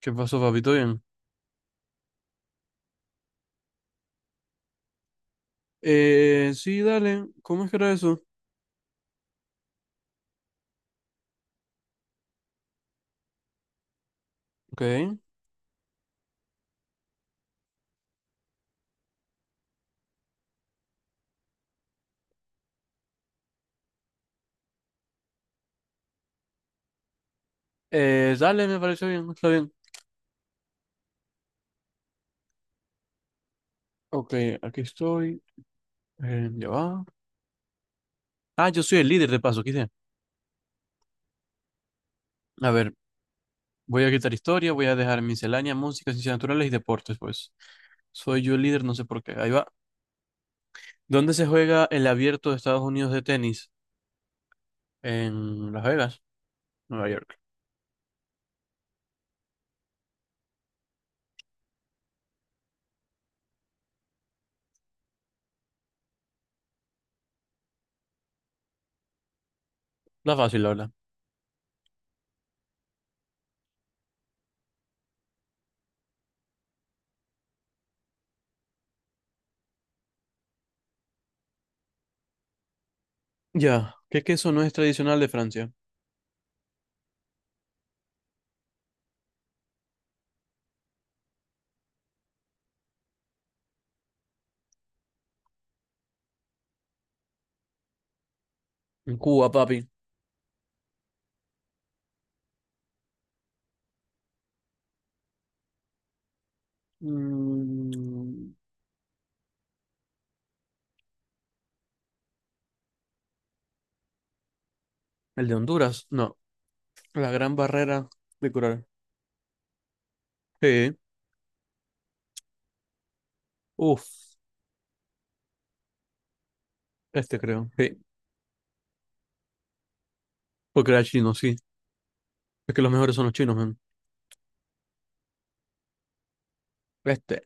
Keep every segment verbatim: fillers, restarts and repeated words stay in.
¿Qué pasó, papi? ¿Todo bien? Eh, sí, dale. ¿Cómo es que era eso? Ok. Eh, dale, me pareció bien. Está bien. Ok, aquí estoy. Eh, ya va. Ah, yo soy el líder de paso, quité. A ver, voy a quitar historia, voy a dejar miscelánea, música, ciencias naturales y deportes, pues. Soy yo el líder, no sé por qué. Ahí va. ¿Dónde se juega el abierto de Estados Unidos de tenis? En Las Vegas, Nueva York. La fácil, la verdad. Ya. ¿Qué queso no es tradicional de Francia? En Cuba, papi. Mm, ¿el de Honduras? No. La gran barrera de coral. Sí. Uf, este creo. Sí. Porque era chino, sí. Es que los mejores son los chinos, man. Este,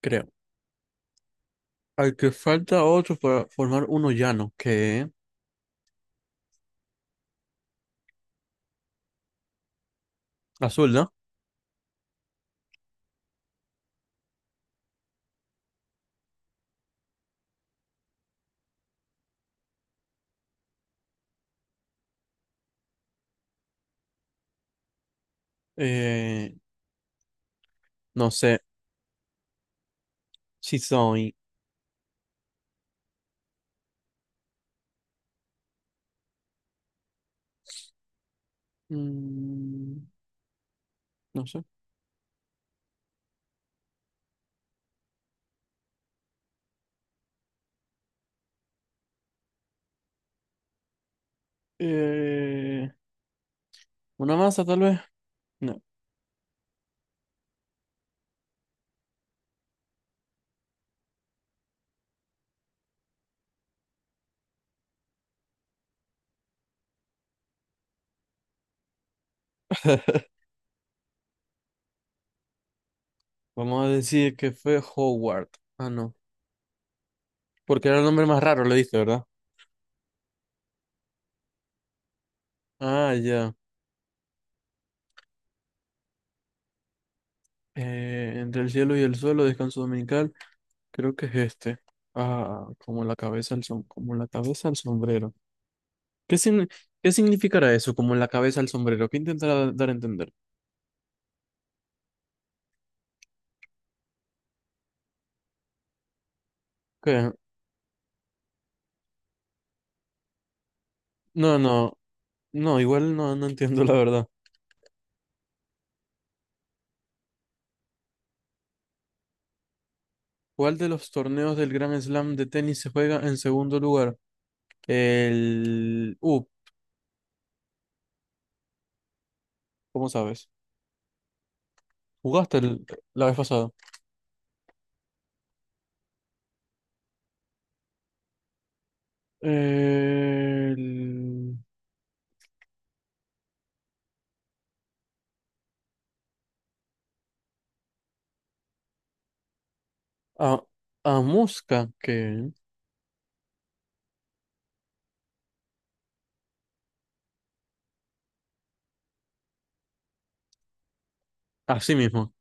creo. Al que falta otro para formar uno llano, que azul, ¿no? Eh, no sé. Si soy. Mm, no sé. Eh, una masa, tal vez. No. Vamos a decir que fue Howard. Ah, no. Porque era el nombre más raro, le diste, ¿verdad? Ah, ya. Eh, entre el cielo y el suelo, descanso dominical. Creo que es este. Ah, como la cabeza al som- como la cabeza al sombrero. ¿Qué, sin- ¿Qué significará eso? Como la cabeza al sombrero. ¿Qué intentará dar a entender? ¿Qué? No, no, no, igual no, no entiendo la verdad. ¿Cuál de los torneos del Grand Slam de tenis se juega en segundo lugar? El... Uh, ¿cómo sabes? ¿Jugaste el- ¿La vez pasada? El... A, a Mosca, que... Así mismo.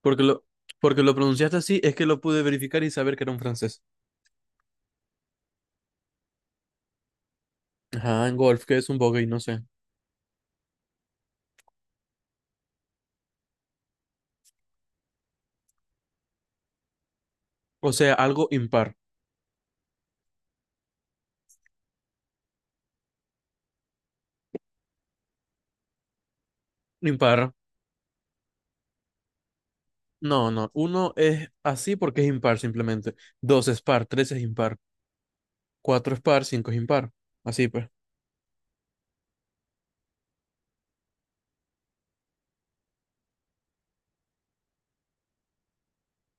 Porque lo, porque lo pronunciaste así, es que lo pude verificar y saber que era un francés. Ajá, en golf, que es un bogey, no sé. O sea, algo impar. Impar. No, no. Uno es así porque es impar simplemente. Dos es par, tres es impar. Cuatro es par, cinco es impar. Así pues.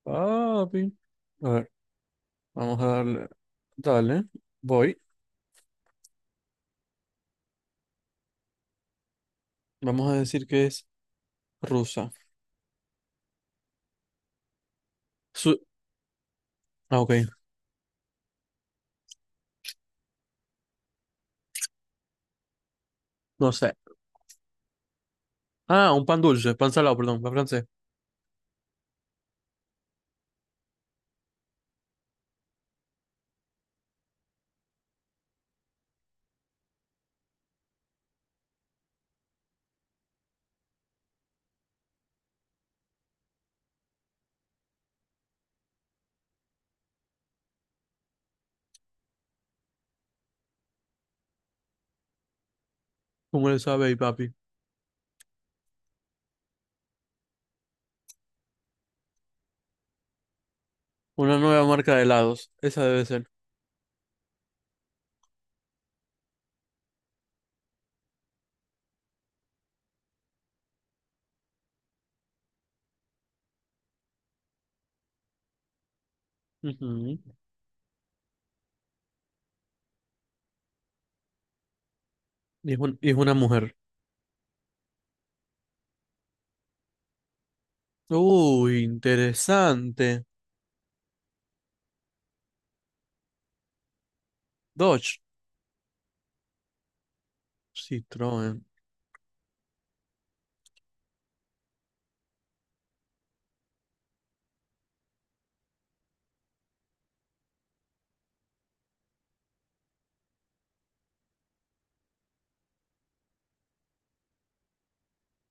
Papi. A ver, vamos a darle. Dale, voy. Vamos a decir que es rusa. Su ah, ok, no sé. Ah, un pan dulce, pan salado, perdón, pan francés. ¿Cómo le sabe ahí, papi? Una nueva marca de helados. Esa debe ser. Ujú. Y es un- y es una mujer. Uy, interesante. Dodge. Citroën.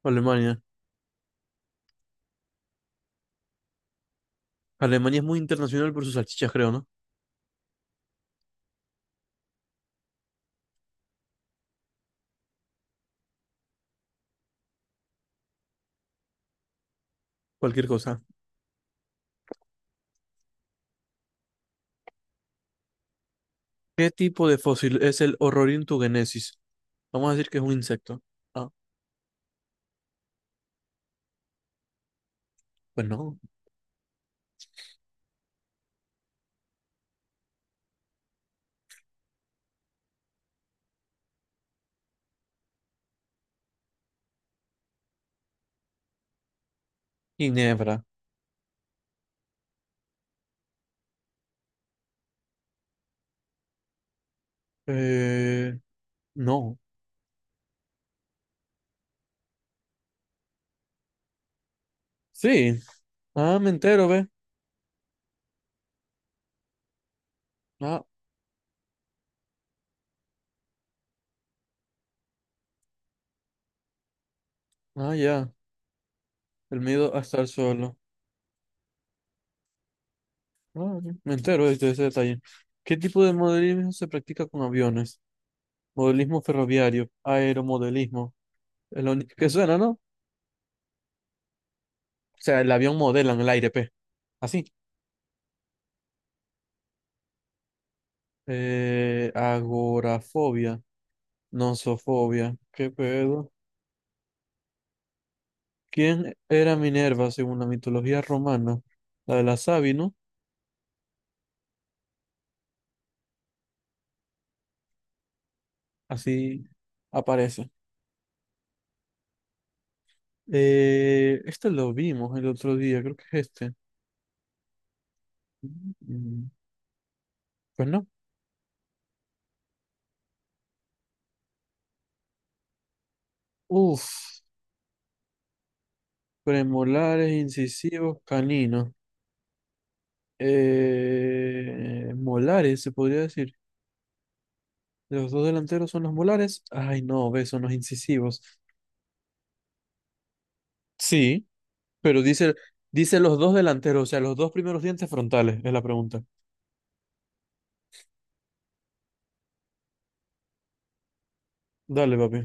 Alemania. Alemania es muy internacional por sus salchichas, creo, ¿no? Cualquier cosa. ¿Qué tipo de fósil es el Horrorintugenesis? Vamos a decir que es un insecto. Ah, pues no. Ginebra. Eh, no. Sí. Ah, me entero, ve. Ah, ah, ya. El miedo a estar solo. Ah, ya. Me entero de ese detalle. ¿Qué tipo de modelismo se practica con aviones? Modelismo ferroviario, aeromodelismo. Es lo único que suena, ¿no? O sea, el avión modela en el aire, ¿pe? Así. Eh, agorafobia, nosofobia. ¿Qué pedo? ¿Quién era Minerva según la mitología romana? La de la Sabi, ¿no? Así aparece. Eh, este lo vimos el otro día, creo que es este. Mm, pues no. Uf, premolares, incisivos, caninos. Eh, molares, se podría decir. Los dos delanteros son los molares. Ay, no, ve, son los incisivos. Sí, pero dice, dice los dos delanteros, o sea, los dos primeros dientes frontales, es la pregunta. Dale, papi.